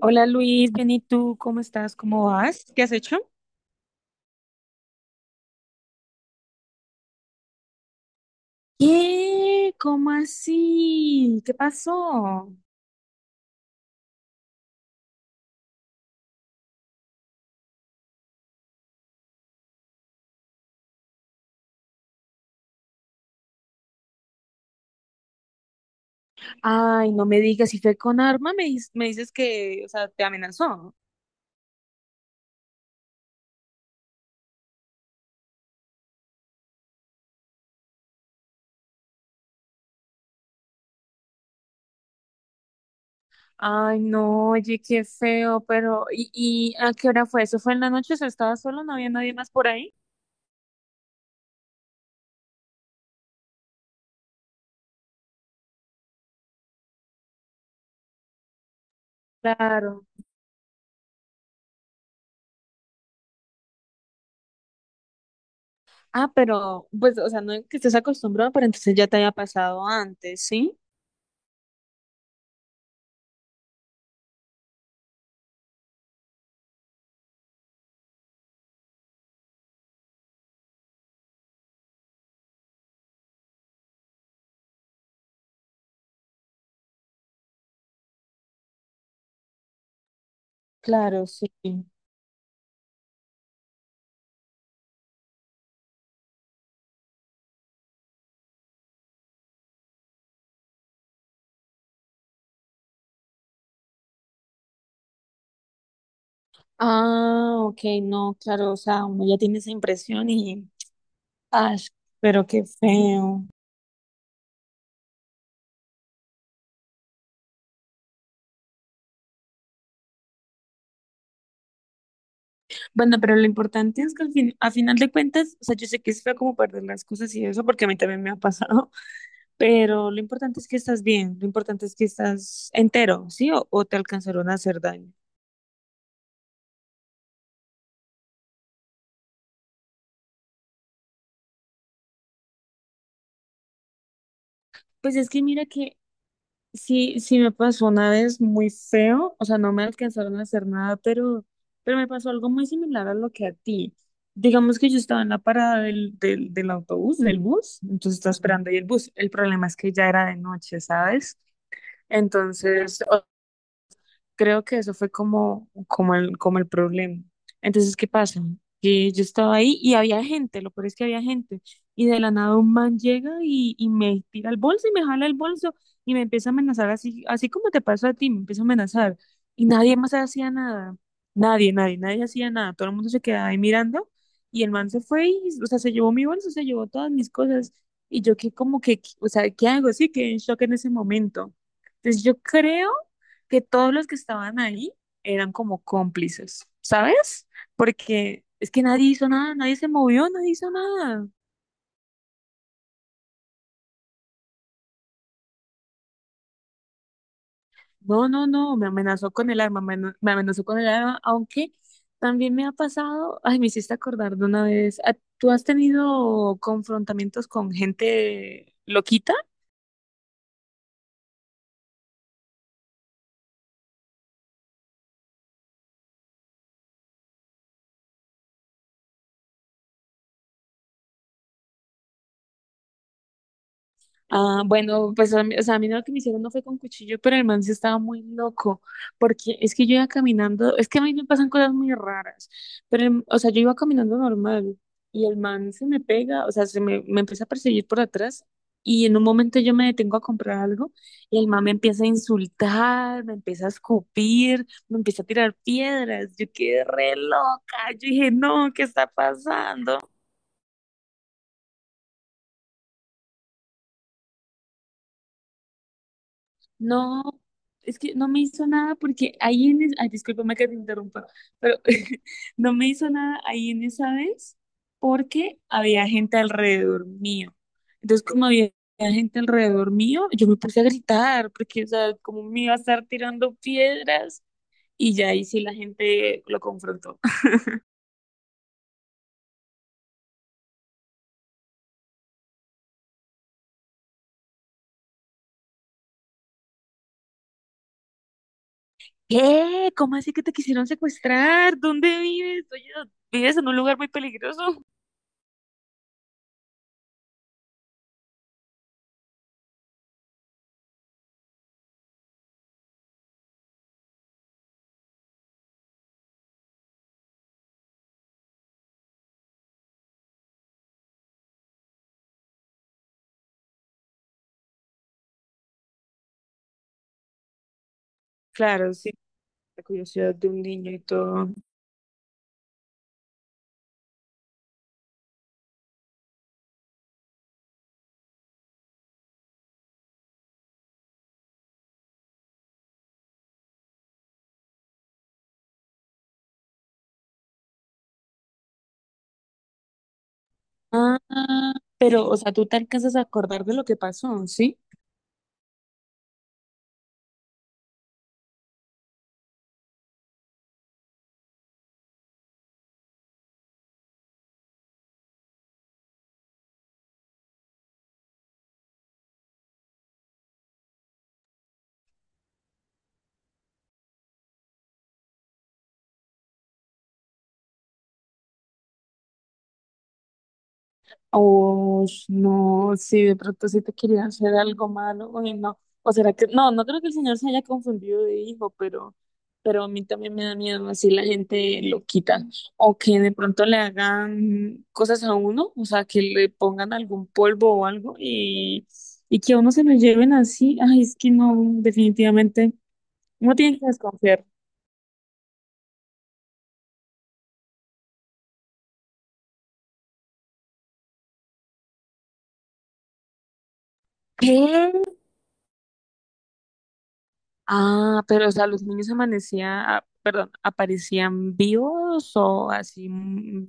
Hola Luis, bien, ¿y tú? ¿Cómo estás? ¿Cómo vas? ¿Qué has hecho? ¿Qué? ¿Cómo así? ¿Qué pasó? Ay, no me digas, si fue con arma, me dices que, o sea, te amenazó. Ay, no, oye, qué feo, pero ¿y a qué hora fue? ¿Eso fue en la noche? ¿O sea, estabas solo? ¿No había nadie más por ahí? Claro. Ah, pero, pues, o sea, no es que estés acostumbrado, pero entonces ya te había pasado antes, ¿sí? Claro, sí. Ah, ok, no, claro, o sea, uno ya tiene esa impresión y. Ay, pero qué feo. Bueno, pero lo importante es que al fin, a final de cuentas, o sea, yo sé que es feo como perder las cosas y eso, porque a mí también me ha pasado, pero lo importante es que estás bien, lo importante es que estás entero, ¿sí? O te alcanzaron a hacer daño. Pues es que mira que sí, sí me pasó una vez muy feo, o sea, no me alcanzaron a hacer nada, pero me pasó algo muy similar a lo que a ti. Digamos que yo estaba en la parada del autobús, del bus, entonces estaba esperando ahí el bus. El problema es que ya era de noche, ¿sabes? Entonces, creo que eso fue como, como el problema. Entonces, ¿qué pasa? Que yo estaba ahí y había gente, lo peor es que había gente. Y de la nada un man llega y me tira el bolso y me jala el bolso y me empieza a amenazar así, así como te pasó a ti, me empieza a amenazar. Y nadie más hacía nada. Nadie, nadie, nadie hacía nada. Todo el mundo se quedaba ahí mirando y el man se fue y, o sea, se llevó mi bolso, se llevó todas mis cosas. Y yo que como que, o sea, ¿qué hago? Sí, quedé en shock en ese momento. Entonces yo creo que todos los que estaban ahí eran como cómplices, ¿sabes? Porque es que nadie hizo nada, nadie se movió, nadie hizo nada. No, no, no, me amenazó con el arma, me amenazó con el arma, aunque también me ha pasado, ay, me hiciste acordar de una vez, ¿a- ¿tú has tenido confrontamientos con gente loquita? Ah, bueno, pues a mí, o sea, a mí lo que me hicieron no fue con cuchillo, pero el man sí estaba muy loco, porque es que yo iba caminando, es que a mí me pasan cosas muy raras, pero, el- o sea, yo iba caminando normal y el man se me pega, o sea, me empieza a perseguir por atrás y en un momento yo me detengo a comprar algo y el man me empieza a insultar, me empieza a escupir, me empieza a tirar piedras, yo quedé re loca, yo dije, no, ¿qué está pasando? No, es que no me hizo nada porque ahí en... es- Ay, discúlpame que te interrumpa, pero no me hizo nada ahí en esa vez porque había gente alrededor mío. Entonces, como había gente alrededor mío, yo me puse a gritar porque, o sea, como me iba a estar tirando piedras y ya ahí sí la gente lo confrontó. ¿Qué? ¿Cómo así que te quisieron secuestrar? ¿Dónde vives? Oye, ¿vives en un lugar muy peligroso? Claro, sí, la curiosidad de un niño y todo. Ah, pero, o sea, tú te alcanzas a acordar de lo que pasó, ¿sí? O no, si de pronto sí te quería hacer algo malo, o no. O será que, no, no creo que el señor se haya confundido de hijo, pero a mí también me da miedo así la gente lo quita. O que de pronto le hagan cosas a uno, o sea, que le pongan algún polvo o algo y que a uno se lo lleven así. Ay, es que no, definitivamente, no tiene que desconfiar. ¿Qué? Ah, pero o sea, los niños amanecían, ah, perdón, aparecían vivos o así. Mm,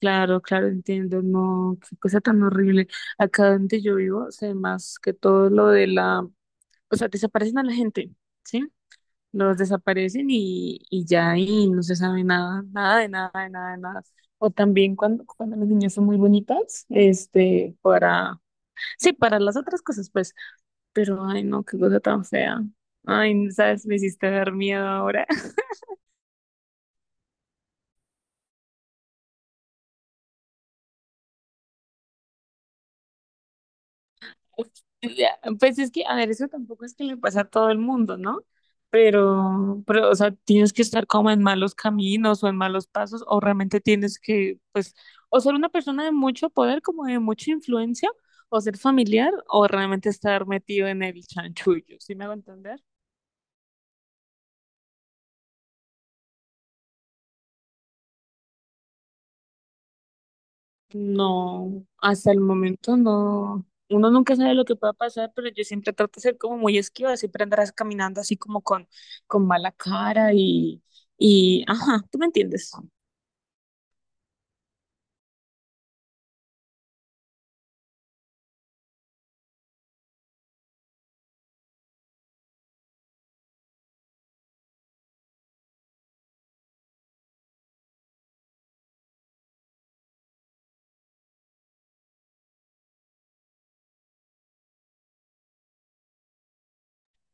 claro, claro, entiendo. No, qué cosa tan horrible. Acá donde yo vivo, sé más que todo lo de la, o sea, desaparecen a la gente, ¿sí? Los desaparecen y ya y no se sabe nada, nada de nada, de nada, de nada. O también cuando las niñas son muy bonitas, este, para, sí, para las otras cosas, pues. Pero, ay, no, qué cosa tan fea. Ay, sabes, me hiciste ver miedo ahora. Ya, pues es que, a ver, eso tampoco es que le pasa a todo el mundo, ¿no? Pero, o sea, tienes que estar como en malos caminos o en malos pasos, o realmente tienes que, pues, o ser una persona de mucho poder, como de mucha influencia, o ser familiar, o realmente estar metido en el chanchullo, ¿sí me hago entender? No, hasta el momento no. Uno nunca sabe lo que pueda pasar, pero yo siempre trato de ser como muy esquiva, siempre andarás caminando así como con mala cara y, ajá, ¿tú me entiendes?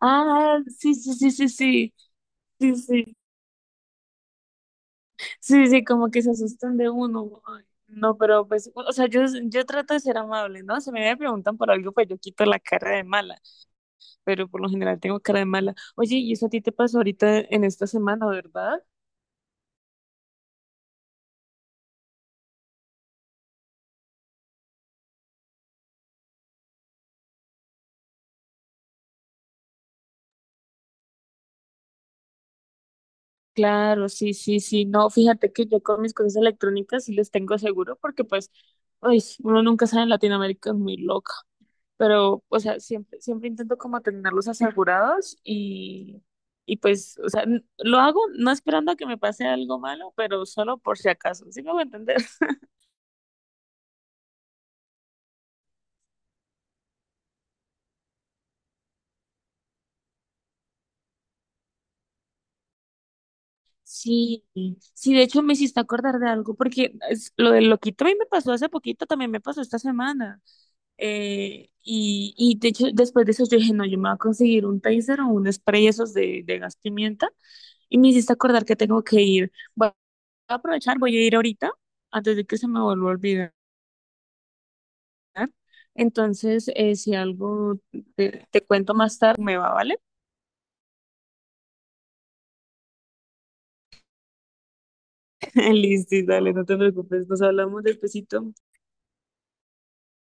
Ah, sí, sí, sí, sí, sí, sí, sí, sí, sí, como que se asustan de uno. Ay, no, pero pues, o sea, yo trato de ser amable, ¿no? Si me preguntan por algo, pues yo quito la cara de mala, pero por lo general tengo cara de mala. Oye, y eso a ti te pasó ahorita en esta semana, ¿verdad? Claro, sí, sí, sí. No, fíjate que yo con mis cosas electrónicas sí les tengo seguro porque pues, ay, uno nunca sabe en Latinoamérica, es muy loca. Pero, o sea, siempre, siempre intento como tenerlos asegurados y pues, o sea, n- lo hago no esperando a que me pase algo malo, pero solo por si acaso. ¿Sí me voy a entender? Sí, sí, de hecho me hiciste acordar de algo, porque es- lo del loquito a mí me pasó hace poquito, también me pasó esta semana. Y de hecho, después de eso yo dije, no, yo me voy a conseguir un taser o un spray esos de gas pimienta. Y me hiciste acordar que tengo que ir. Voy a aprovechar, voy a ir ahorita, antes de que se me vuelva a olvidar. Entonces, si algo te cuento más tarde, me va, ¿vale? Listo, dale, no te preocupes, nos hablamos despacito.